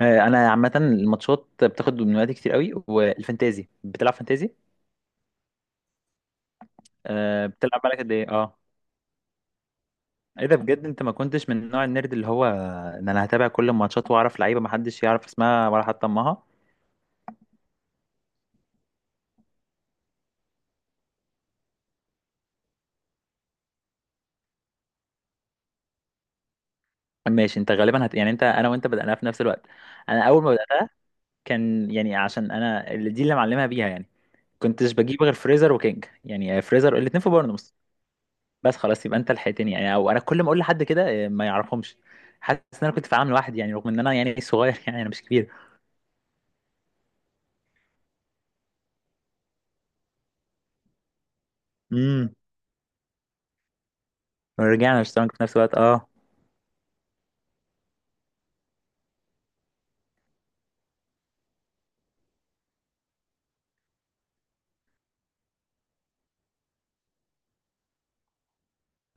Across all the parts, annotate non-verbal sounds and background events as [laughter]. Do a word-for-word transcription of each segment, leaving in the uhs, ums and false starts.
آه، انا عامه الماتشات بتاخد من وقتي كتير قوي والفانتازي، بتلعب فانتازي. آه، بتلعب بالك قد ايه؟ اه ايه ده بجد، انت ما كنتش من نوع النيرد اللي هو ان انا هتابع كل الماتشات واعرف لعيبه ما حدش يعرف اسمها ولا حتى امها. ماشي، انت غالبا هت... يعني انت، انا وانت بدأنا في نفس الوقت. انا اول ما بدأت كان يعني عشان انا اللي دي اللي معلمها بيها، يعني كنتش بجيب غير فريزر وكينج، يعني فريزر الاثنين في بورنموث. بس خلاص، يبقى انت لحقتني يعني، او انا كل ما اقول لحد كده آه، ما يعرفهمش. حاسس ان انا كنت في عام لوحدي يعني، رغم ان انا يعني صغير [laughs] يعني انا مش كبير. امم ورجعنا اشتغلنا في نفس الوقت. اه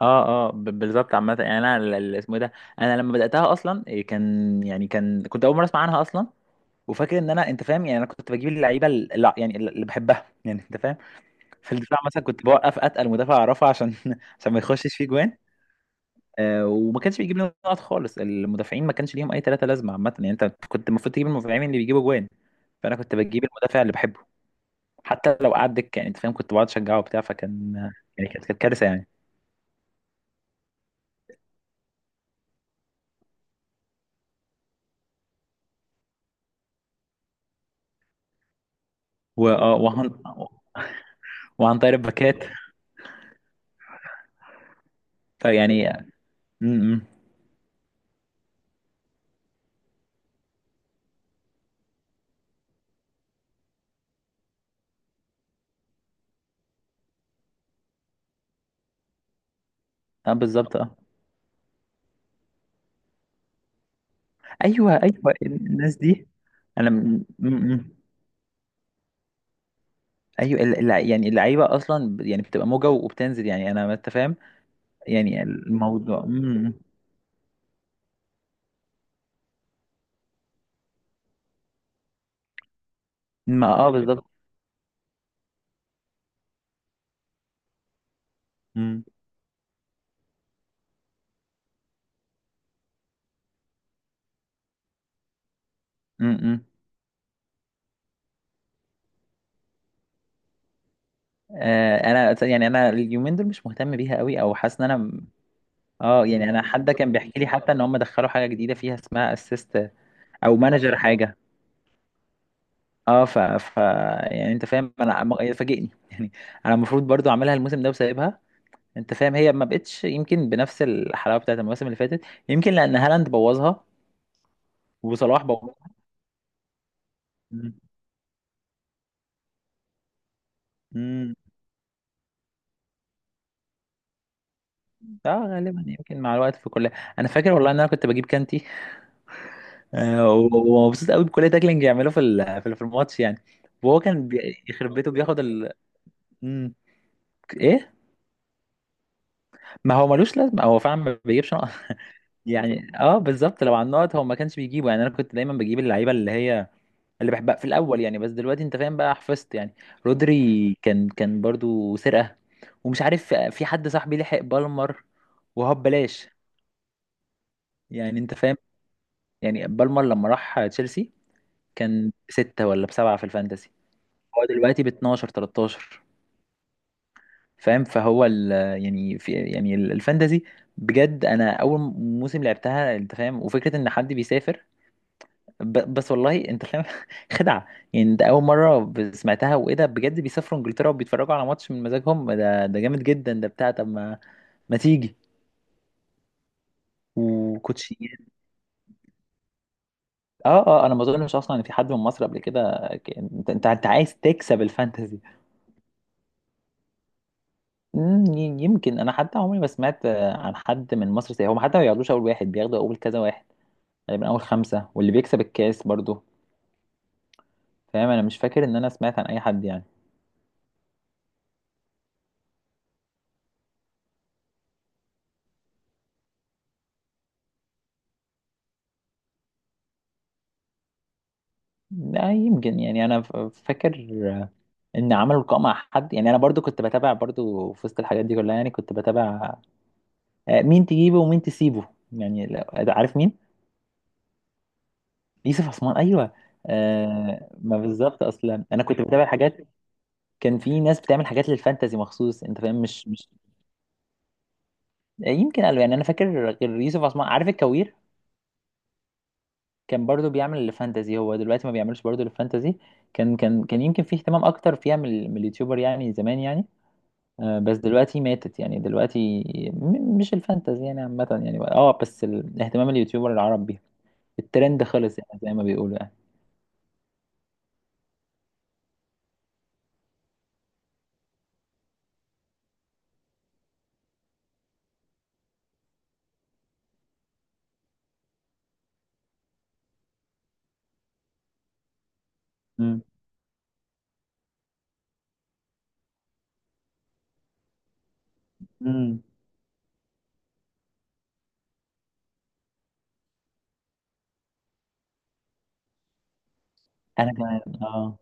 اه اه، ب- بالظبط. عامة يعني انا، ال- ال- اسمه ايه ده، انا لما بدأتها اصلا إيه، كان يعني، كان كنت اول مرة اسمع عنها اصلا. وفاكر ان انا، انت فاهم، يعني انا كنت بجيب اللعيبة اللي يعني ال- اللي بحبها، يعني انت فاهم. في الدفاع مثلا كنت بوقف اتقل مدافع اعرفه عشان [laughs] عشان ما يخشش فيه جوان. آه، وما كانش بيجيب لنا نقط خالص، المدافعين ما كانش ليهم اي ثلاثة لازمة. عامة يعني انت كنت المفروض تجيب المدافعين اللي بيجيبوا جوان، فانا كنت بجيب المدافع اللي بحبه، حتى لو قعد دكة. يعني انت فاهم، كنت بقعد اشجعه وبتاع، فكان يعني كانت كانت كارثة يعني. و- آه، وعن، وعن طريق الباكات. فيعني م- م. اه بالظبط. اه ايوه ايوه، الناس دي. انا م- م- م. ايوه، ال- الل- يعني اللعيبه اصلا ب- يعني بتبقى موجه وبتنزل يعني انا، ما انت فاهم. يعني الموضوع م- م. ما، اه بالظبط. م- م- م. آه، انا أصلاً يعني انا اليومين دول مش مهتم بيها قوي، او حاسس ان انا م- اه. يعني انا حد كان بيحكي لي حتى ان هم دخلوا حاجه جديده فيها اسمها اسيست، او مانجر حاجه. اه ف... ف يعني انت فاهم، انا م- هي فاجئني [laughs] يعني. انا المفروض برضو اعملها الموسم ده وسايبها، انت فاهم، هي ما بقتش يمكن بنفس الحلاوه بتاعت المواسم اللي فاتت، يمكن لان هالاند بوظها، وصلاح بوظها. مم. مم. اه غالبا، يمكن مع الوقت في كل. انا فاكر والله ان انا كنت بجيب كانتي، آه، ومبسوط قوي بكل تاكلينج يعمله في ال- في ال- في الماتش يعني. وهو كان بي- يخرب بيته بياخد ال. مم. ايه. ما هو ملوش لازمه، هو فعلا ما بيجيبش يعني، اه بالظبط. لو على النقط هو ما كانش بيجيبه، يعني انا كنت دايما بجيب اللعيبه اللي هي اللي بحبها في الاول يعني، بس دلوقتي انت فاهم بقى حفظت يعني. رودري كان كان برضو سرقه، ومش عارف في حد صاحبي لحق بالمر، وهو ببلاش. يعني انت فاهم، يعني بالمر لما راح تشيلسي كان بستة ولا بسبعة في الفانتسي، هو دلوقتي ب اتناشر تلتاشر. فاهم، فهو ال، يعني في يعني ال- الفانتسي، بجد انا اول موسم لعبتها، انت فاهم، وفكره ان حد بيسافر، ب... بس والله انت فاهم [laughs] خدعه، يعني ده اول مره ب- سمعتها، وايه ده بجد، بيسافروا انجلترا وبيتفرجوا على ماتش من مزاجهم، ده ده جامد جدا، ده بتاع، طب ما، ما تيجي وكوتشيات. اه اه، انا ما اظنش اصلا ان في حد من مصر قبل كده كان- انت، انت انت عايز تكسب الفانتزي. مم، ي- يمكن انا حتى عمري ما سمعت آه، عن حد من مصر زي هم، حتى ما بياخدوش اول واحد، بياخدوا اول كذا واحد، تقريبا اول خمسه، واللي بيكسب الكاس برضو. فاهم، انا مش فاكر ان انا سمعت عن اي حد يعني. لا، يمكن يعني انا ف- فاكر ان عملوا لقاء مع حد يعني، انا برضو كنت بتابع برضو في وسط الحاجات دي كلها، يعني كنت بتابع آه، مين تجيبه ومين تسيبه يعني، لو- عارف مين. يوسف عثمان، ايوه. آه، ما بالظبط اصلا انا كنت بتابع حاجات. كان في ناس بتعمل حاجات للفانتازي مخصوص، انت فاهم، مش مش آه، يمكن قالوا يعني، انا فاكر غير يوسف عثمان، عارف الكوير، كان برضو بيعمل للفانتازي، هو دلوقتي ما بيعملش برضو للفانتازي. كان كان كان يمكن في اهتمام اكتر فيها من ال- من اليوتيوبر يعني زمان يعني. آه، بس دلوقتي ماتت، يعني دلوقتي م- مش الفانتزي يعني عامة يعني، بقى- اه، بس ال- اهتمام اليوتيوبر العرب بيها، الترند خلص يعني زي ما بيقولوا يعني. مم. مم. انا كمان اه.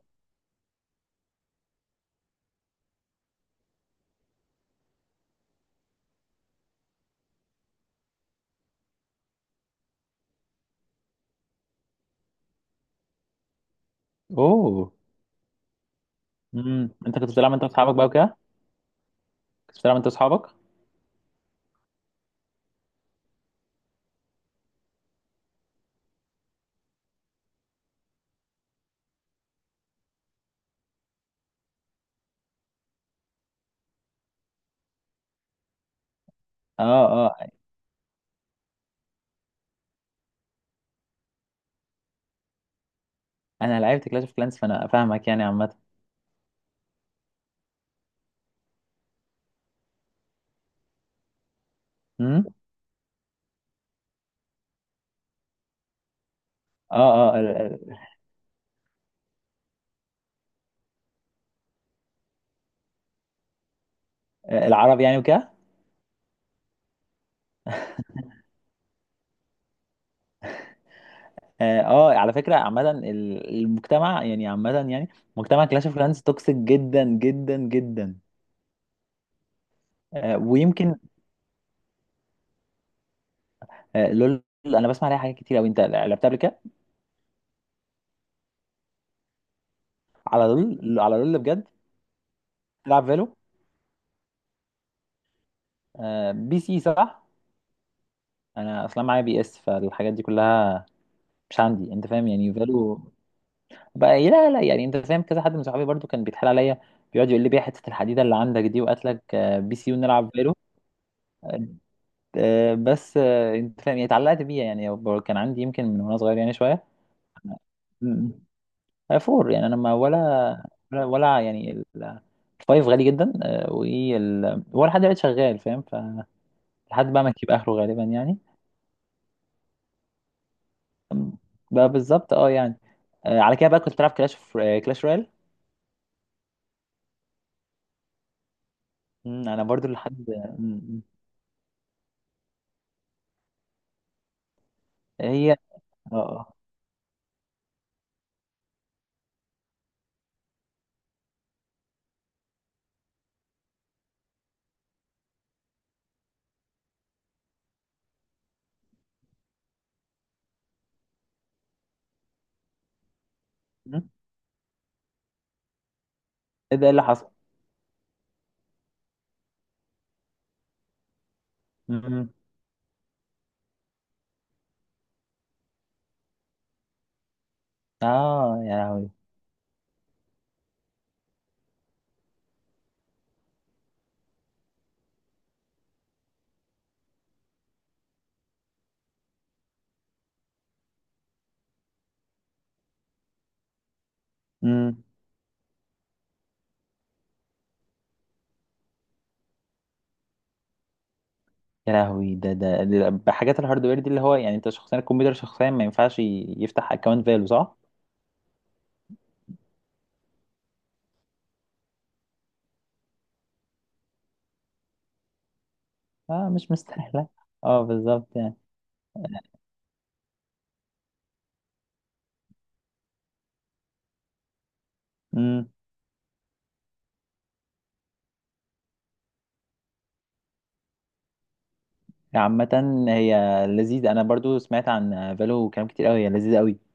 اوه. مم. انت كنت بتلعب انت واصحابك بقى وكده؟ كنت بتلعب انت واصحابك. اه اه. انا لعبت كلاش اوف كلانس، فانا فاهمك يعني عامة. مم. اه اه، ال- ال- العرب يعني وكده. اه آه، على فكرة عامة ال- المجتمع يعني عامة يعني، مجتمع كلاش اوف كلانس توكسيك جدا جدا جدا. آه، ويمكن. آه، لول، انا بسمع عليها حاجات كتير قوي. انت لعبتها قبل كده؟ على لول، على لول، بجد؟ تلعب فالو؟ آه، بي سي صح؟ انا اصلا معايا بي اس، فالحاجات دي كلها مش عندي، انت فاهم يعني، فالو بقى إيه؟ لا لا، يعني انت فاهم، كذا حد من صحابي برضو كان بيتحال عليا، بيقعد يقول لي بيها حته الحديده اللي عندك دي، وقاتلك آه، بي سي ونلعب فالو. آه. آه، بس آه، انت فاهم يعني اتعلقت بيها يعني، كان عندي يمكن من وانا صغير يعني شويه. آه، فور، يعني انا ما، ولا ولا ولا يعني ال- الفايف غالي جدا، آه، وال، ولا حد قاعد شغال فاهم، فلحد بقى ما يجيب اخره غالبا يعني. أم، بقى بالظبط، اه يعني. آه، على كده بقى كنت بلعب كلاش، كلاش رويال. مم، انا برضو لحد. مم. مم. هي اه آه. مم. ايه ده، إيه اللي حصل؟ مم. اه يا لهوي. مم. يا لهوي، ده ده ده- بحاجات الهاردوير دي اللي هو، يعني انت شخصيا الكمبيوتر شخصيا ما ينفعش ي- يفتح اكونت فالو صح؟ اه، مش مستاهله. اه بالظبط يعني. امم، عامة هي لذيذة، أنا برضو سمعت عن فالو كلام كتير أوي، هي لذيذة أوي.